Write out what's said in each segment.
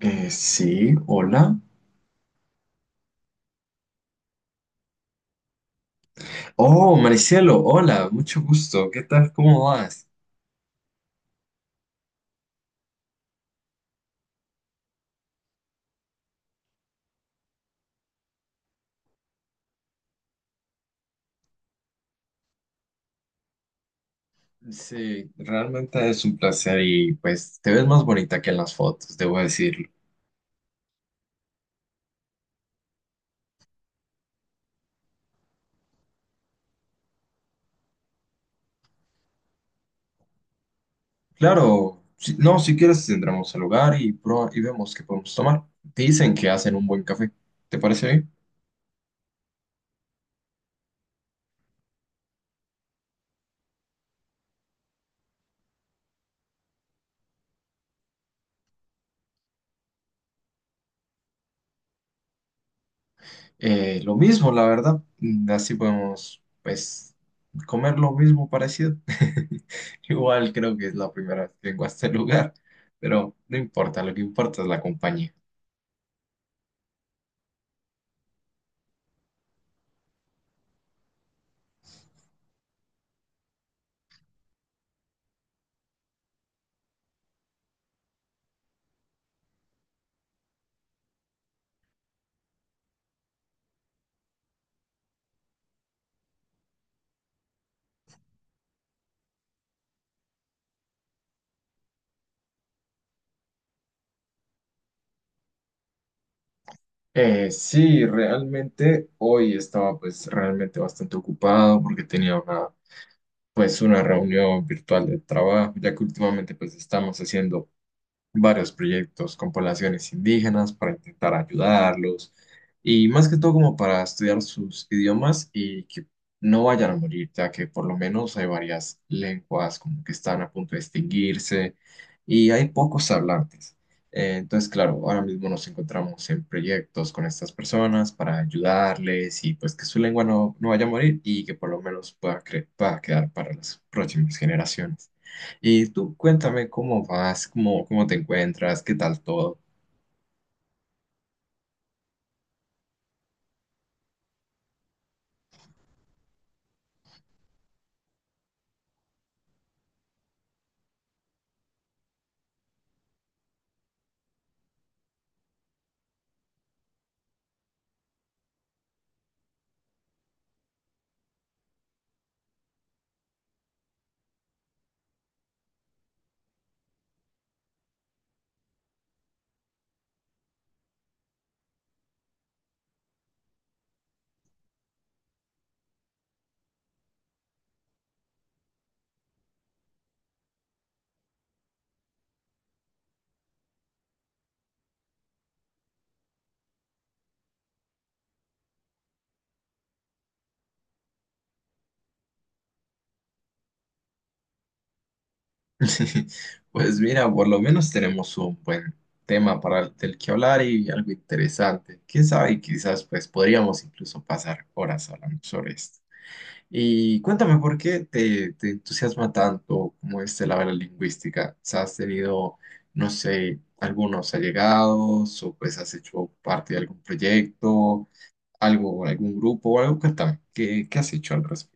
Sí, hola. Oh, Maricielo, hola, mucho gusto. ¿Qué tal? ¿Cómo vas? Sí, realmente es un placer y pues te ves más bonita que en las fotos, debo decirlo. Claro, no, si quieres entramos al lugar y, y vemos qué podemos tomar. Dicen que hacen un buen café. ¿Te parece bien? Lo mismo, la verdad. Así podemos, pues, comer lo mismo parecido. Igual creo que es la primera vez que vengo a este lugar, pero no importa, lo que importa es la compañía. Sí, realmente hoy estaba pues realmente bastante ocupado porque tenía una pues una reunión virtual de trabajo, ya que últimamente pues estamos haciendo varios proyectos con poblaciones indígenas para intentar ayudarlos y más que todo como para estudiar sus idiomas y que no vayan a morir, ya que por lo menos hay varias lenguas como que están a punto de extinguirse y hay pocos hablantes. Entonces, claro, ahora mismo nos encontramos en proyectos con estas personas para ayudarles y pues que su lengua no, no vaya a morir y que por lo menos pueda, pueda quedar para las próximas generaciones. Y tú cuéntame cómo vas, cómo, cómo te encuentras, qué tal todo. Pues mira, por lo menos tenemos un buen tema para del que hablar y algo interesante. Quién sabe, quizás pues podríamos incluso pasar horas hablando sobre esto. Y cuéntame por qué te, te entusiasma tanto como este la área lingüística. O sea, ¿has tenido, no sé, algunos allegados o pues has hecho parte de algún proyecto, algo, algún grupo o algo? Cuéntame, ¿qué, qué has hecho al respecto?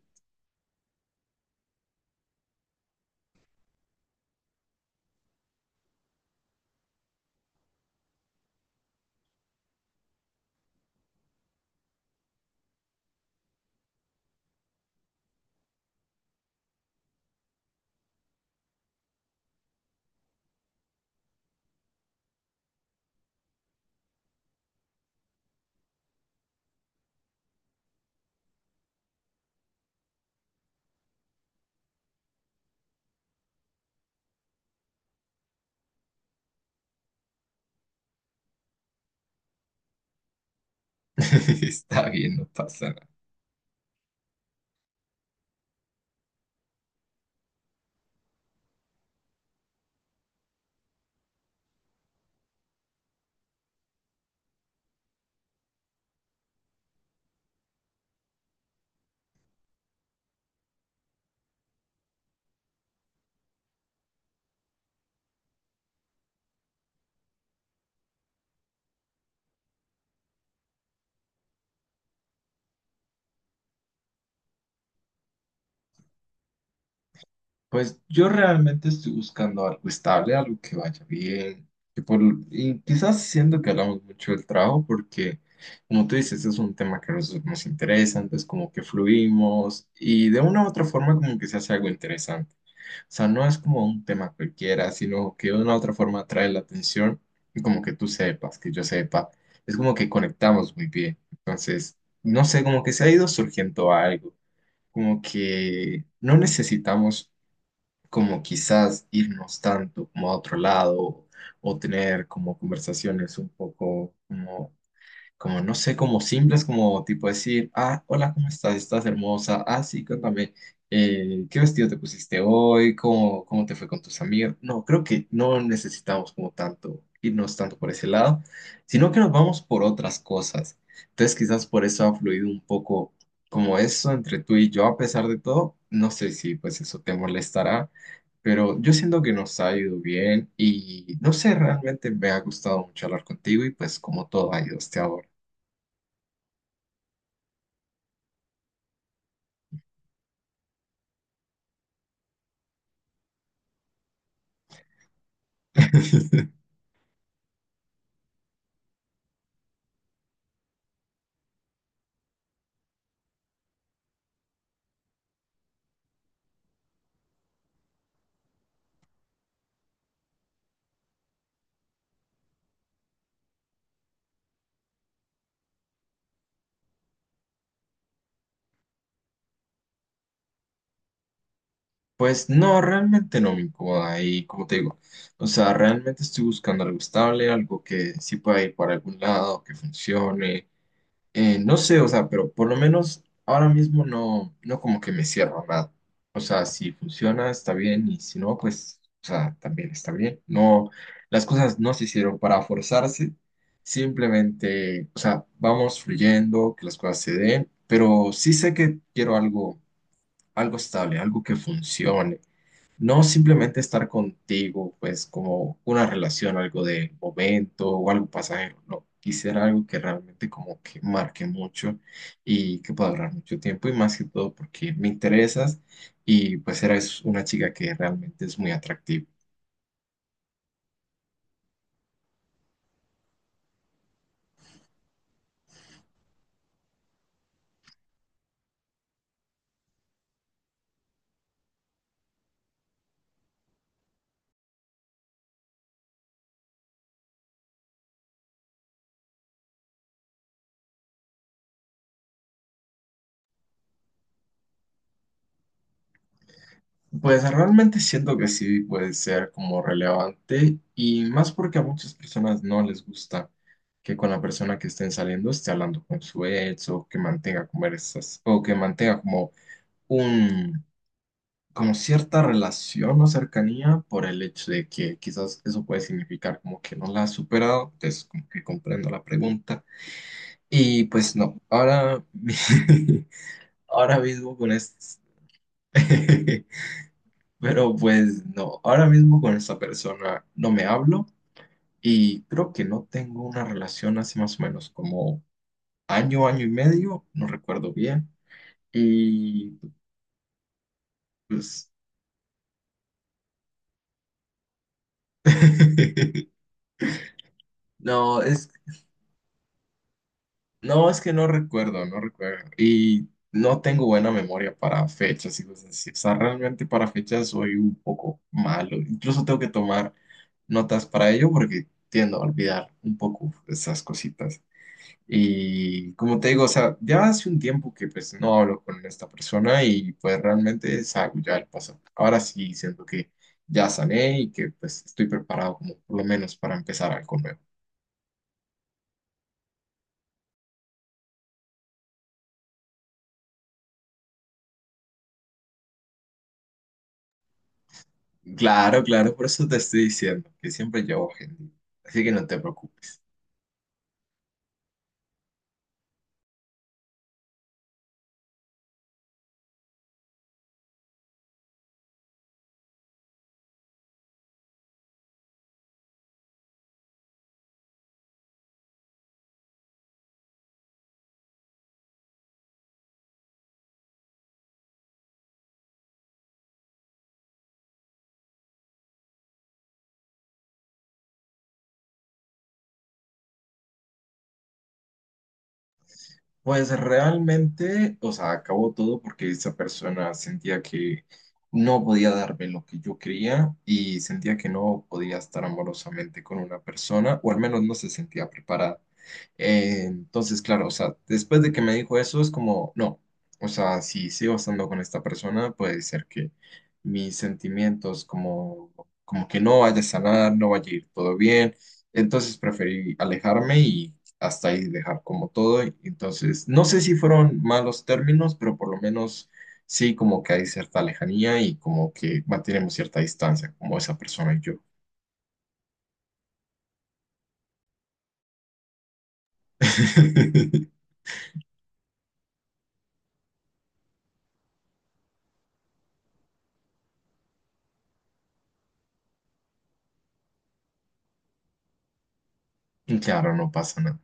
Está bien, no pasa nada. Pues yo realmente estoy buscando algo estable, algo que vaya bien. que por- y quizás siento que hablamos mucho del trabajo porque, como tú dices, es un tema que nos, nos interesa, entonces como que fluimos y de una u otra forma como que se hace algo interesante. O sea, no es como un tema cualquiera, sino que de una u otra forma atrae la atención y como que tú sepas, que yo sepa. Es como que conectamos muy bien. Entonces, no sé, como que se ha ido surgiendo algo. Como que no necesitamos como quizás irnos tanto como a otro lado o tener como conversaciones un poco como como no sé, como simples, como tipo decir, ah, hola, ¿cómo estás? ¿Estás hermosa? Ah, sí, cuéntame, ¿qué vestido te pusiste hoy? ¿Cómo, cómo te fue con tus amigos? No, creo que no necesitamos como tanto irnos tanto por ese lado, sino que nos vamos por otras cosas. Entonces quizás por eso ha fluido un poco como eso entre tú y yo, a pesar de todo, no sé si pues eso te molestará. Pero yo siento que nos ha ido bien y no sé, realmente me ha gustado mucho hablar contigo y pues como todo ha ido hasta ahora. Pues no, realmente no me incomoda y como te digo, o sea, realmente estoy buscando algo estable, algo que sí pueda ir para algún lado, que funcione, no sé, o sea, pero por lo menos ahora mismo no, no como que me cierro a nada, o sea, si funciona está bien y si no, pues, o sea, también está bien, no, las cosas no se hicieron para forzarse, simplemente, o sea, vamos fluyendo, que las cosas se den, pero sí sé que quiero algo algo estable, algo que funcione. No simplemente estar contigo, pues como una relación, algo de momento o algo pasajero. No, quisiera algo que realmente como que marque mucho y que pueda durar mucho tiempo y más que todo porque me interesas y pues eres una chica que realmente es muy atractiva. Pues realmente siento que sí puede ser como relevante y más porque a muchas personas no les gusta que con la persona que estén saliendo esté hablando con su ex o que mantenga conversas o que mantenga como un como cierta relación o cercanía por el hecho de que quizás eso puede significar como que no la ha superado, entonces como que comprendo la pregunta y pues no, ahora ahora mismo con esto pero pues no, ahora mismo con esta persona no me hablo y creo que no tengo una relación hace más o menos como año, año y medio, no recuerdo bien. Y pues no, es, no, es que no recuerdo, no recuerdo. Y no tengo buena memoria para fechas y cosas así. O sea, realmente para fechas soy un poco malo. Incluso tengo que tomar notas para ello porque tiendo a olvidar un poco esas cositas. Y como te digo, o sea, ya hace un tiempo que pues no hablo con esta persona y pues realmente es algo ya del pasado. Ahora sí siento que ya sané y que pues estoy preparado como por lo menos para empezar algo nuevo. Claro, claro, por eso te estoy diciendo que siempre llevo gente. Así que no te preocupes. Pues realmente, o sea, acabó todo porque esa persona sentía que no podía darme lo que yo quería y sentía que no podía estar amorosamente con una persona, o al menos no se sentía preparada. Entonces, claro, o sea, después de que me dijo eso, es como, no, o sea, si sigo estando con esta persona, puede ser que mis sentimientos como, como que no vaya a sanar, no vaya a ir todo bien. Entonces preferí alejarme y hasta ahí dejar como todo. Y entonces, no sé si fueron malos términos, pero por lo menos sí como que hay cierta lejanía y como que mantenemos cierta distancia, como esa persona y yo. Claro, no pasa nada.